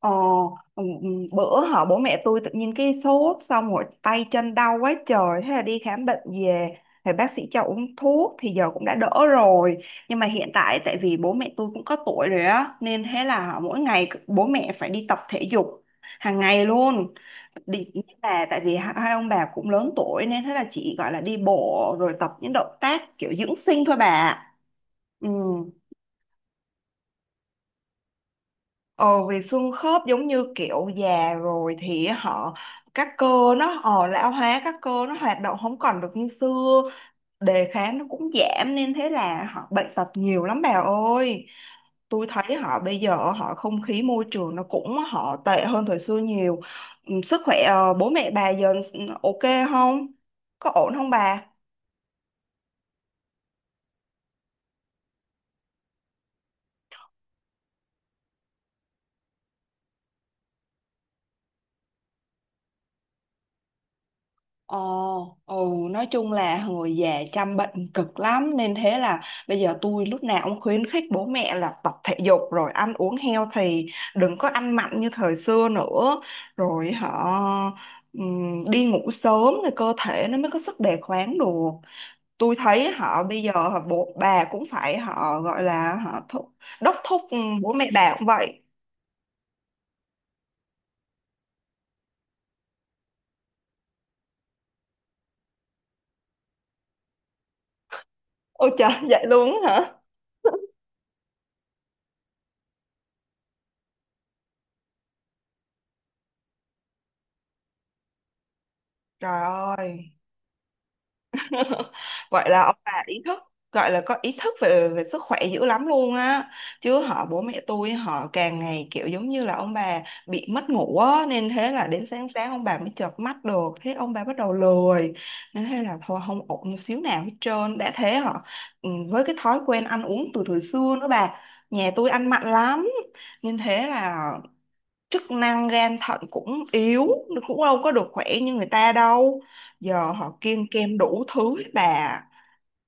Ờ, ừ, ừ, bữa họ bố mẹ tôi tự nhiên cái sốt xong rồi tay chân đau quá trời, thế là đi khám bệnh về thì bác sĩ cho uống thuốc thì giờ cũng đã đỡ rồi. Nhưng mà hiện tại tại vì bố mẹ tôi cũng có tuổi rồi á nên thế là mỗi ngày bố mẹ phải đi tập thể dục hàng ngày luôn. Đi nhưng mà tại vì hai hai ông bà cũng lớn tuổi nên thế là chỉ gọi là đi bộ rồi tập những động tác kiểu dưỡng sinh thôi bà. Ừ. Ờ, vì xương khớp giống như kiểu già rồi thì họ các cơ nó ờ, lão hóa, các cơ nó hoạt động không còn được như xưa, đề kháng nó cũng giảm nên thế là họ bệnh tật nhiều lắm bà ơi. Tôi thấy họ bây giờ họ không khí môi trường nó cũng họ tệ hơn thời xưa nhiều. Ừ, sức khỏe bố mẹ bà giờ ok không, có ổn không bà? Ồ, ừ, nói chung là người già chăm bệnh cực lắm nên thế là bây giờ tôi lúc nào cũng khuyến khích bố mẹ là tập thể dục rồi ăn uống healthy, đừng có ăn mặn như thời xưa nữa, rồi họ đi ngủ sớm thì cơ thể nó mới có sức đề kháng được. Tôi thấy họ bây giờ họ bố bà cũng phải họ gọi là họ đốc thúc, bố mẹ bà cũng vậy. Ôi trời, vậy luôn á hả? Trời ơi. Vậy là ông bà ý thức, gọi là có ý thức về về sức khỏe dữ lắm luôn á, chứ họ bố mẹ tôi họ càng ngày kiểu giống như là ông bà bị mất ngủ á nên thế là đến sáng sáng ông bà mới chợp mắt được, thế ông bà bắt đầu lười nên thế là thôi, không ổn một xíu nào hết trơn. Đã thế họ, với cái thói quen ăn uống từ thời xưa nữa bà, nhà tôi ăn mặn lắm nên thế là chức năng gan thận cũng yếu, nó cũng đâu có được khỏe như người ta đâu, giờ họ kiêng kem đủ thứ hết bà.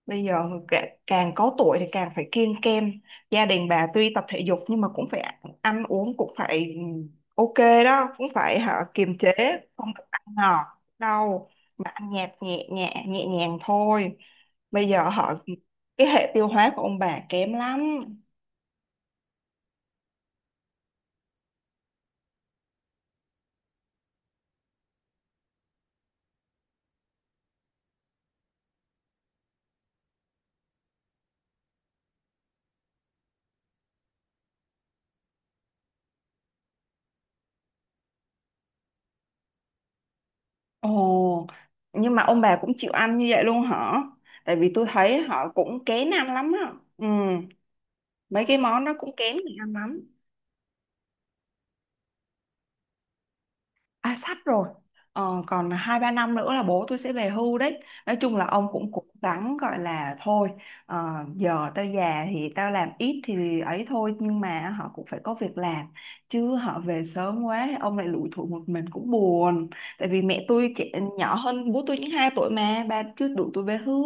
Bây giờ càng có tuổi thì càng phải kiêng kem, gia đình bà tuy tập thể dục nhưng mà cũng phải ăn uống, cũng phải ok đó, cũng phải hả, kiềm chế, không được ăn ngọt đâu, mà ăn nhạt, nhẹ nhẹ nhẹ nhàng thôi. Bây giờ họ cái hệ tiêu hóa của ông bà kém lắm. Ồ, nhưng mà ông bà cũng chịu ăn như vậy luôn hả? Tại vì tôi thấy họ cũng kén ăn lắm á. Ừ, mấy cái món đó cũng kén người ăn lắm. À, sắp rồi. Ờ, còn 2-3 năm nữa là bố tôi sẽ về hưu đấy. Nói chung là ông cũng cố gắng gọi là thôi, ờ, giờ tao già thì tao làm ít thì ấy thôi. Nhưng mà họ cũng phải có việc làm. Chứ họ về sớm quá, ông lại lủi thủi một mình cũng buồn. Tại vì mẹ tôi trẻ, nhỏ hơn bố tôi những 2 tuổi mà, bà chưa đủ tuổi về hưu.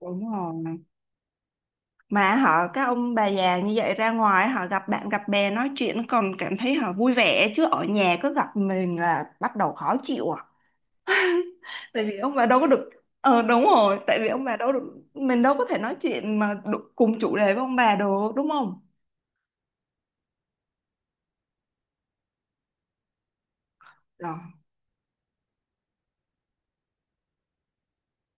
Đúng rồi. Mà họ các ông bà già như vậy ra ngoài họ gặp bạn gặp bè nói chuyện còn cảm thấy họ vui vẻ, chứ ở nhà cứ gặp mình là bắt đầu khó chịu à. Tại vì ông bà đâu có được. Ờ đúng rồi, tại vì ông bà đâu được, mình đâu có thể nói chuyện mà cùng chủ đề với ông bà được, đúng không? Đó,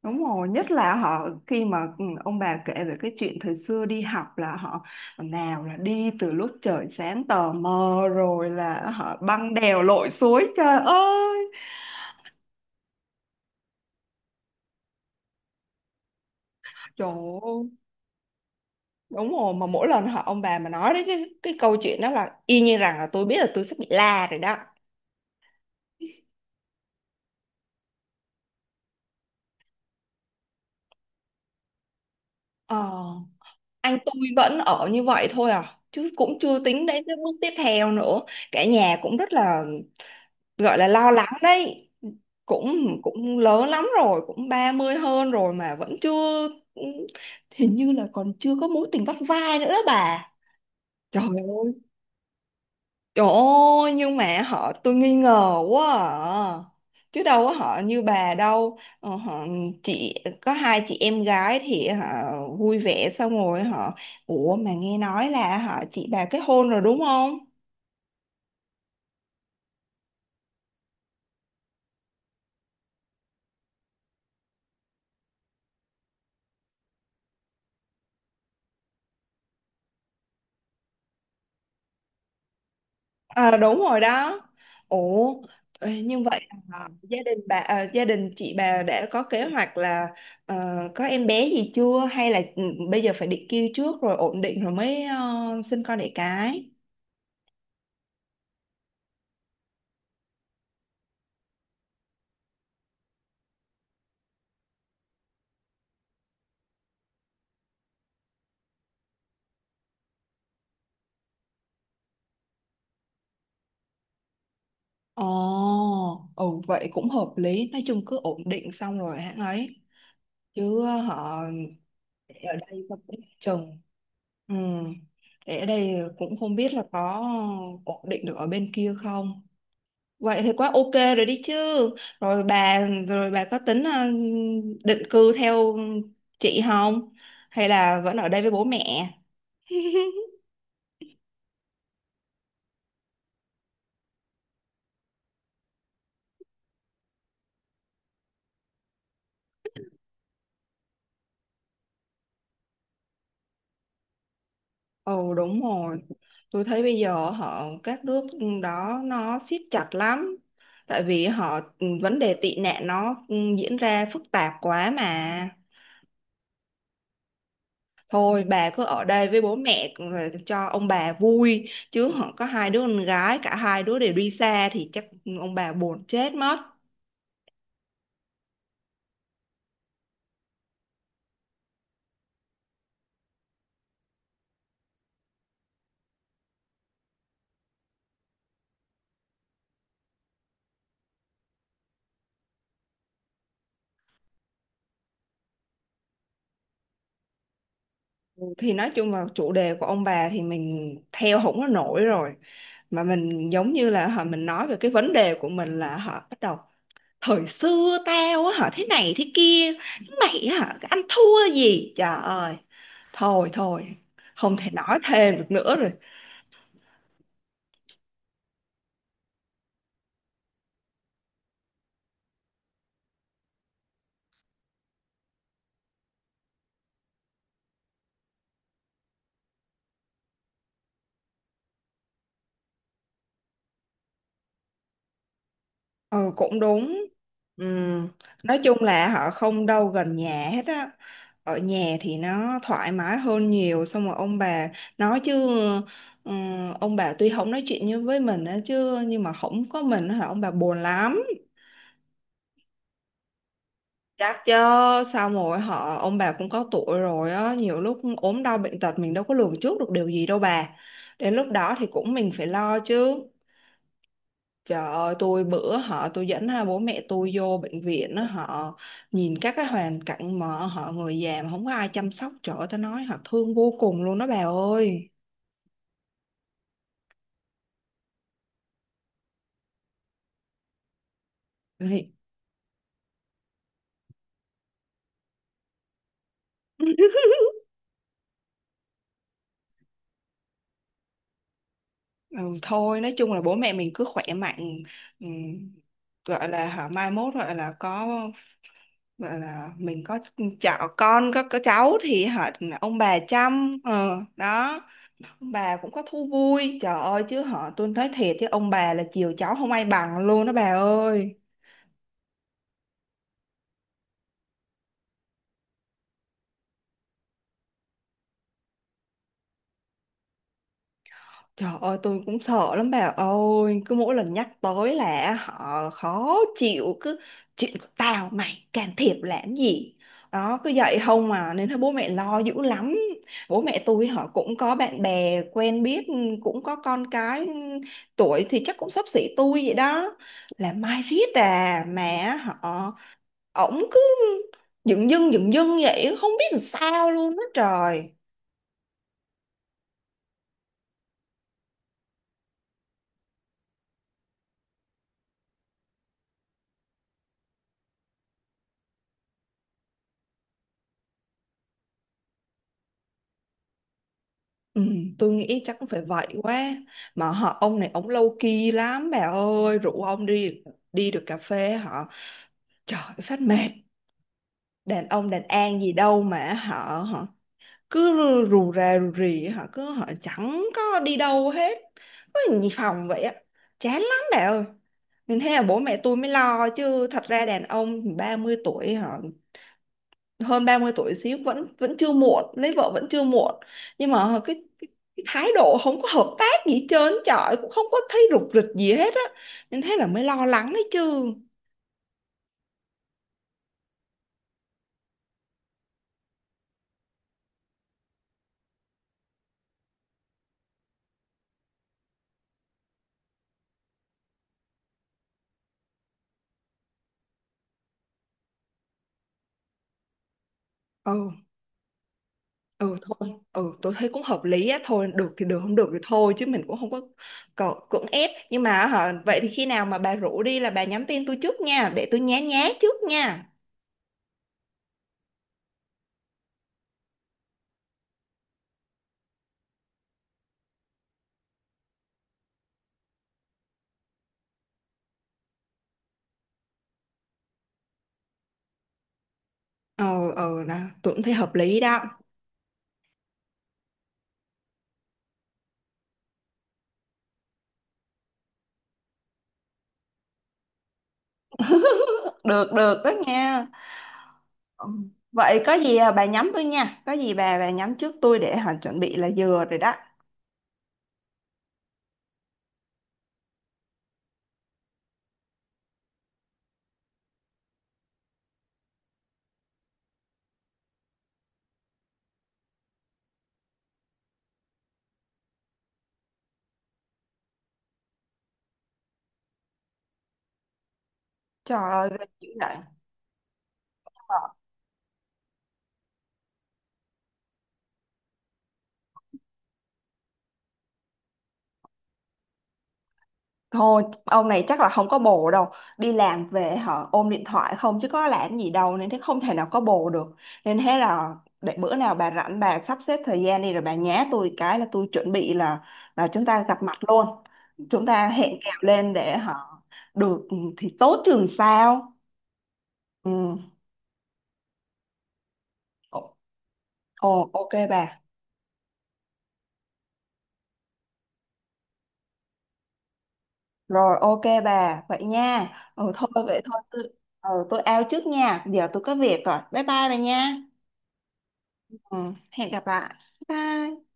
đúng rồi, nhất là họ khi mà ông bà kể về cái chuyện thời xưa đi học là họ, nào là đi từ lúc trời sáng tờ mờ rồi là họ băng đèo lội suối, trời ơi. Trời, đúng rồi, mà mỗi lần họ ông bà mà nói đến cái câu chuyện đó là y như rằng là tôi biết là tôi sắp bị la rồi đó. Ờ, anh tôi vẫn ở như vậy thôi à, chứ cũng chưa tính đến cái bước tiếp theo nữa, cả nhà cũng rất là gọi là lo lắng đấy, cũng cũng lớn lắm rồi, cũng 30 hơn rồi mà vẫn chưa, hình như là còn chưa có mối tình vắt vai nữa đó bà. Trời ơi. Trời ơi, nhưng mà họ tôi nghi ngờ quá à. Chứ đâu có họ như bà đâu. Ờ, họ chị có hai chị em gái thì họ vui vẻ, xong rồi họ, ủa mà nghe nói là họ chị bà kết hôn rồi đúng không? Ờ đúng rồi đó. Ủa ê, như vậy là gia đình bà gia đình chị bà đã có kế hoạch là ờ, có em bé gì chưa, hay là bây giờ phải định kêu trước rồi ổn định rồi mới sinh con đẻ cái? Ồ, ừ vậy cũng hợp lý, nói chung cứ ổn định xong rồi hãng ấy, chứ họ để ở đây sao cũng chừng. Ừ, để ở đây cũng không biết là có ổn định được ở bên kia không. Vậy thì quá ok rồi đi chứ. Rồi bà, rồi bà có tính định cư theo chị không? Hay là vẫn ở đây với bố mẹ? Ồ đúng rồi, tôi thấy bây giờ họ các nước đó nó siết chặt lắm, tại vì họ vấn đề tị nạn nó diễn ra phức tạp quá mà. Thôi bà cứ ở đây với bố mẹ rồi cho ông bà vui, chứ họ có hai đứa con gái, cả hai đứa đều đi xa thì chắc ông bà buồn chết mất. Ừ, thì nói chung là chủ đề của ông bà thì mình theo không có nổi rồi, mà mình giống như là họ mình nói về cái vấn đề của mình là họ bắt đầu thời xưa tao á hả thế này thế kia, mày á hả ăn thua gì, trời ơi, thôi thôi, không thể nói thêm được nữa rồi. Ừ cũng đúng. Ừ. Nói chung là họ không đâu gần nhà hết á, ở nhà thì nó thoải mái hơn nhiều, xong rồi ông bà nói chứ, ừ, ông bà tuy không nói chuyện như với mình á chứ nhưng mà không có mình á hả ông bà buồn lắm. Chắc chứ, sao mà hỏi, họ ông bà cũng có tuổi rồi á, nhiều lúc ốm đau bệnh tật mình đâu có lường trước được điều gì đâu bà, đến lúc đó thì cũng mình phải lo chứ. Trời ơi, tôi bữa họ tôi dẫn hai bố mẹ tôi vô bệnh viện á, họ nhìn các cái hoàn cảnh mà họ người già mà không có ai chăm sóc, trời ơi tôi nói họ thương vô cùng luôn đó bà ơi. Thì- ừ, thôi nói chung là bố mẹ mình cứ khỏe mạnh, ừ, gọi là họ mai mốt gọi là có, gọi là mình có cháu con, có cháu thì họ ông bà chăm đó, ông bà cũng có thú vui, trời ơi chứ họ tôi nói thiệt chứ ông bà là chiều cháu không ai bằng luôn đó bà ơi. Trời ơi tôi cũng sợ lắm bà ơi. Cứ mỗi lần nhắc tới là họ khó chịu, cứ chuyện của tao mày can thiệp làm gì, đó cứ vậy không mà, nên thấy bố mẹ lo dữ lắm. Bố mẹ tôi họ cũng có bạn bè quen biết, cũng có con cái, tuổi thì chắc cũng xấp xỉ tôi vậy đó, là mai riết à, mà họ ổng cứ, dựng dưng dựng dưng vậy, không biết làm sao luôn đó trời. Ừ, tôi nghĩ chắc cũng phải vậy quá, mà họ ông này ông low key lắm bà ơi, rủ ông đi, đi được cà phê họ trời phát mệt, đàn ông đàn an gì đâu mà họ họ cứ rù rà rù rì, họ cứ họ chẳng có đi đâu hết, cứ nhì phòng vậy á, chán lắm bà ơi, nên thế là bố mẹ tôi mới lo chứ, thật ra đàn ông 30 tuổi họ hơn 30 tuổi xíu vẫn vẫn chưa muộn lấy vợ vẫn chưa muộn, nhưng mà cái thái độ không có hợp tác gì hết trơn trời, cũng không có thấy rục rịch gì hết á, nên thế là mới lo lắng đấy chứ. Ừ, ừ thôi, ừ tôi thấy cũng hợp lý á, thôi được thì được không được thì thôi chứ mình cũng không có cưỡng ép, nhưng mà hả, vậy thì khi nào mà bà rủ đi là bà nhắn tin tôi trước nha, để tôi nhá nhá trước nha. Ờ, ừ, ừ đó, tôi cũng thấy hợp lý đó. Được được đó nha. Ừ. Vậy có gì à, bà nhắm tôi nha, có gì bà nhắm trước tôi để họ chuẩn bị là vừa rồi đó. Trời ơi ghê dữ vậy. Ờ. Thôi ông này chắc là không có bồ đâu, đi làm về họ ôm điện thoại không, chứ có làm gì đâu, nên thế không thể nào có bồ được. Nên thế là để bữa nào bà rảnh bà sắp xếp thời gian đi, rồi bà nhá tôi cái là tôi chuẩn bị, là chúng ta gặp mặt luôn, chúng ta hẹn kèo lên để họ. Được, ừ, thì tốt chừng sao. Ừ. Ồ, ồ, ok bà. Rồi ok bà, vậy nha. Ừ thôi vậy thôi, tôi out trước nha. Giờ tôi có việc rồi. Bye bye bà nha. Ừ, hẹn gặp lại. Bye.